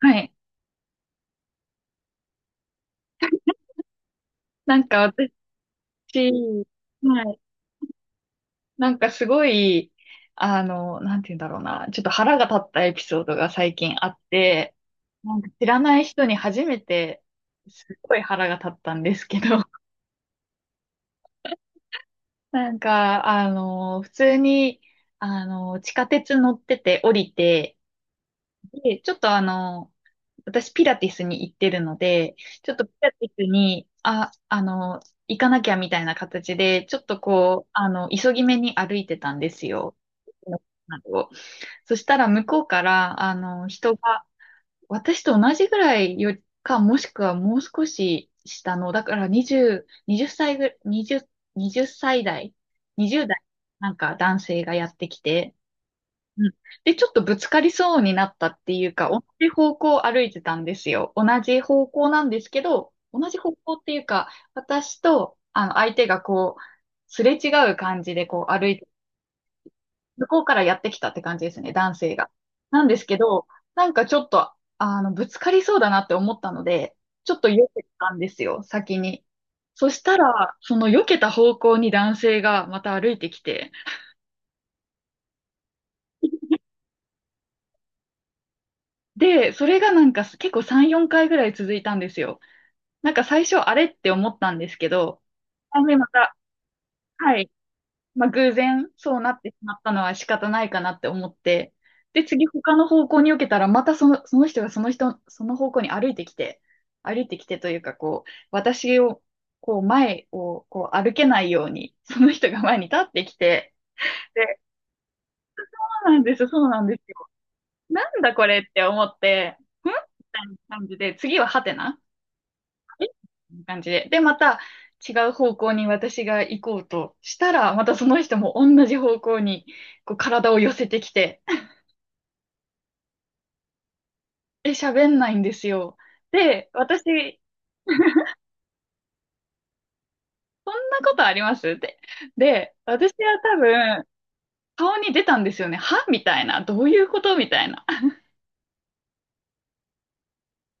はい。なんか私、はい。なんかすごい、なんて言うんだろうな。ちょっと腹が立ったエピソードが最近あって、なんか知らない人に初めて、すっごい腹が立ったんですけど、なんか、普通に、地下鉄乗ってて降りて、で、ちょっと私、ピラティスに行ってるので、ちょっとピラティスに、行かなきゃみたいな形で、ちょっとこう、急ぎ目に歩いてたんですよ。そしたら、向こうから、人が、私と同じぐらいよりか、もしくはもう少し下の、だから20、20歳ぐ、20、20歳代、20代、なんか男性がやってきて、うん。で、ちょっとぶつかりそうになったっていうか、同じ方向を歩いてたんですよ。同じ方向なんですけど、同じ方向っていうか、私と、相手がこう、すれ違う感じでこう歩いて、向こうからやってきたって感じですね、男性が。なんですけど、なんかちょっと、ぶつかりそうだなって思ったので、ちょっと避けたんですよ、先に。そしたら、その避けた方向に男性がまた歩いてきて、で、それがなんか結構3、4回ぐらい続いたんですよ。なんか最初あれって思ったんですけど、あねまた、はい。まあ、偶然そうなってしまったのは仕方ないかなって思って、で、次他の方向に受けたら、またその、その人がその人、その方向に歩いてきてというか、こう、私を、こう、前を、こう、歩けないように、その人が前に立ってきて、で、そうなんです、そうなんですよ。なんだこれって思って、んみたいな感じで、次はハテナこんな感じで。で、また違う方向に私が行こうとしたら、またその人も同じ方向にこう体を寄せてきて、で、喋んないんですよ。で、私、そんなことありますって。で、私は多分、顔に出たんですよね。はみたいな。どういうことみたいな。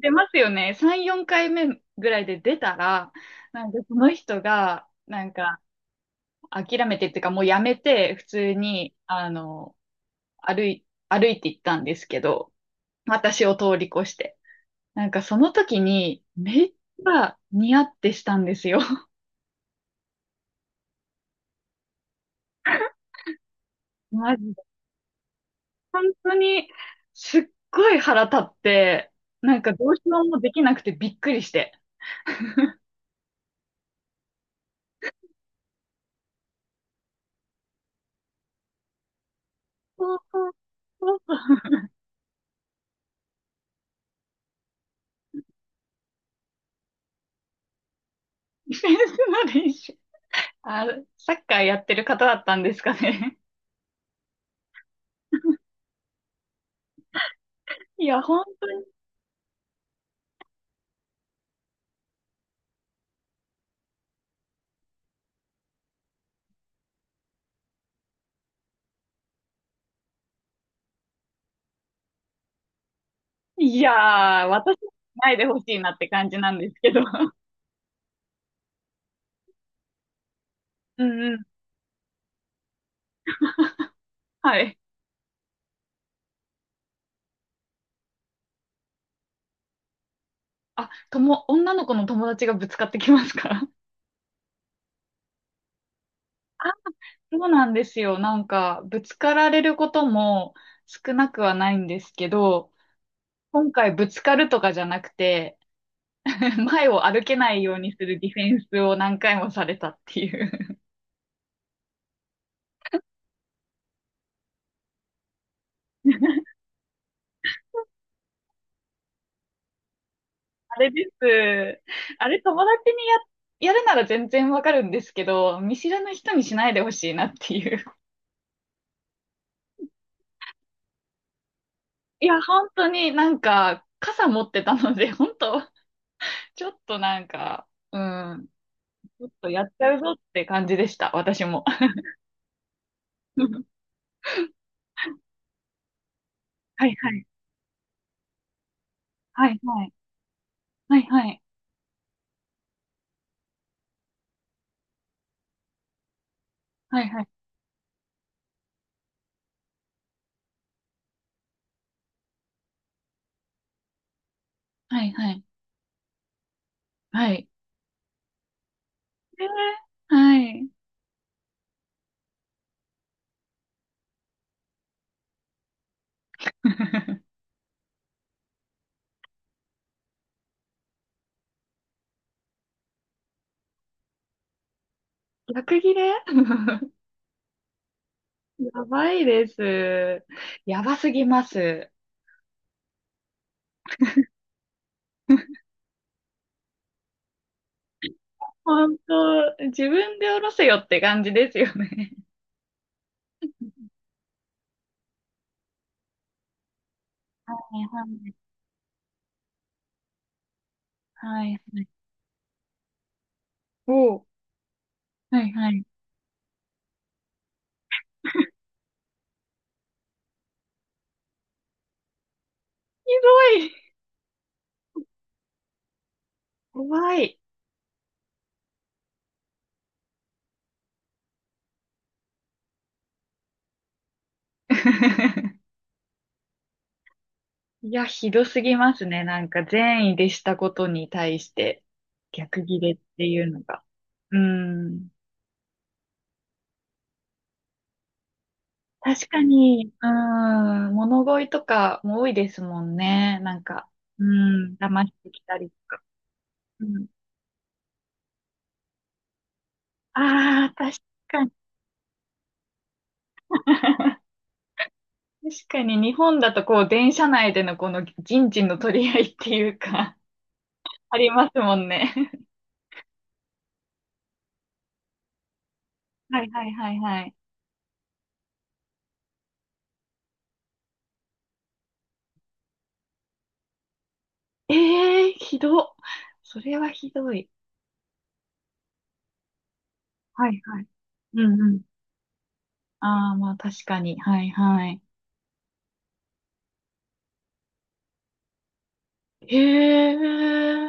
出ますよね。3、4回目ぐらいで出たら、なんかその人が、なんか、諦めてっていうか、もうやめて、普通に、歩いて行ったんですけど、私を通り越して。なんかその時にめっちゃニヤってしたんですよ。マジで。本当にすっごい腹立って、なんかどうしようもできなくてびっくりして。そうそうそうそう。ディフェンスの練習。あ、サッカーやってる方だったんですかね。いや、本当に。いやー、私はないでほしいなって感じなんですけど。うんうん。はい。あ、女の子の友達がぶつかってきますか？あ、そうなんですよ。なんか、ぶつかられることも少なくはないんですけど、今回ぶつかるとかじゃなくて、前を歩けないようにするディフェンスを何回もされたっていう。あれです。あれ、友達にやるなら全然わかるんですけど、見知らぬ人にしないでほしいなっていう。いや、本当になんか、傘持ってたので、本当ちょっとなんか、うん、ちょっとやっちゃうぞって感じでした、私も。はいはい。はい、はい。はい、はい。はい、はい。はい、はい。はい。えーはい。逆切れ。 やばいです。やばすぎます。本当、自分で下ろせよって感じですよね。はいはいはいはい。おう。はいはい。ひどい。怖い。いや、ひどすぎますね。なんか善意でしたことに対して逆ギレっていうのが。うーん。確かに、うん、物乞いとかも多いですもんね。なんか、うん、騙してきたり。うん、ああ、確かに。確かに日本だとこう、電車内でのこの人事の取り合いっていうか、ありますもんね。はいはいはいはい。ええー、ひどっ。それはひどい。はいはい。うんうん。ああ、まあ確かに。はいはい。へえ。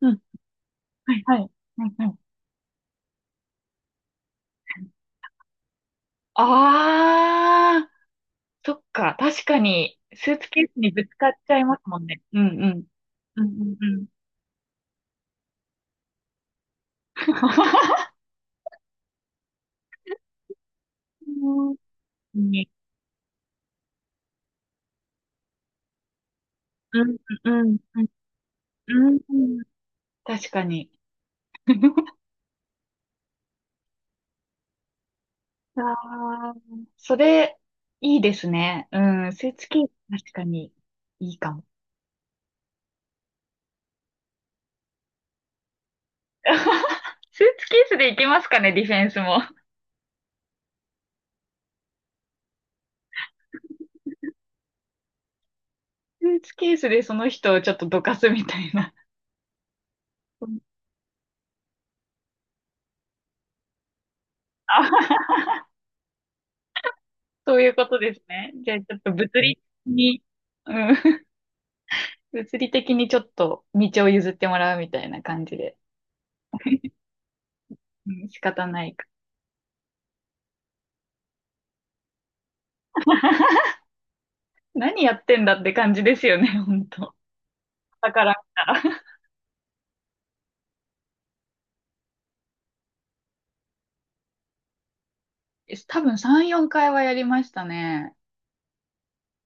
うん。はいはい。はいはい。ああ。そっか、確かに、スーツケースにぶつかっちゃいますもんね。うんうん。うんうんうん。うんうんうんうん。うん、確かに。ああ、それ、いいですね。うん、スーツケース、確かに、いいかも。スーツケースでいけますかね、ディフェンスも。スーツケースでその人をちょっとどかすみたいな。あ、そういうことですね。じゃあ、ちょっと物理的に、うん。物理的にちょっと道を譲ってもらうみたいな感じで。うん、仕方ないか。何やってんだって感じですよね、本当。だから見たら。多分3、4回はやりましたね。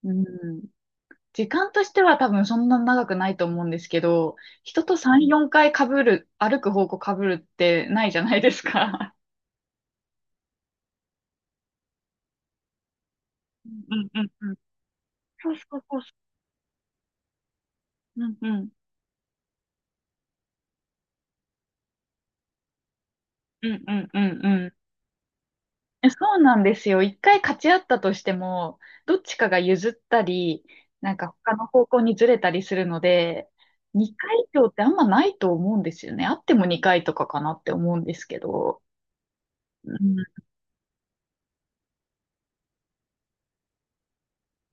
うん。時間としては多分そんな長くないと思うんですけど、人と3、4回被る、歩く方向被るってないじゃないですか。うんうんうんうん。そうそうそうそう。うんうん。うんうんうんうん。え、そうなんですよ。一回勝ち合ったとしても、どっちかが譲ったり、なんか他の方向にずれたりするので、2回以上ってあんまないと思うんですよね。あっても2回とかかなって思うんですけど。うん、う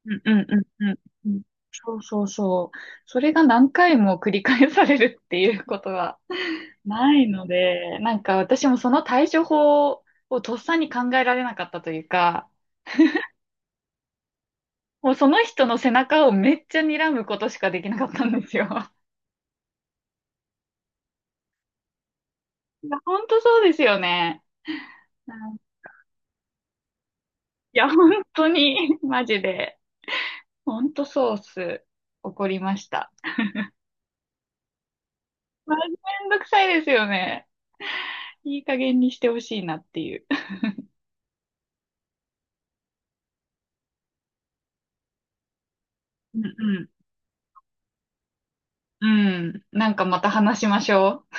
ん、うん、うん。うん、そうそうそう。それが何回も繰り返されるっていうことはないので、なんか私もその対処法をとっさに考えられなかったというか、もうその人の背中をめっちゃ睨むことしかできなかったんですよ。いや、本当そうですよね。うん、いや、本当に、マジで、本当ソース、怒りました。まあ、めんどくさいですよね。いい加減にしてほしいなっていう。うんうん。うん。なんかまた話しましょう。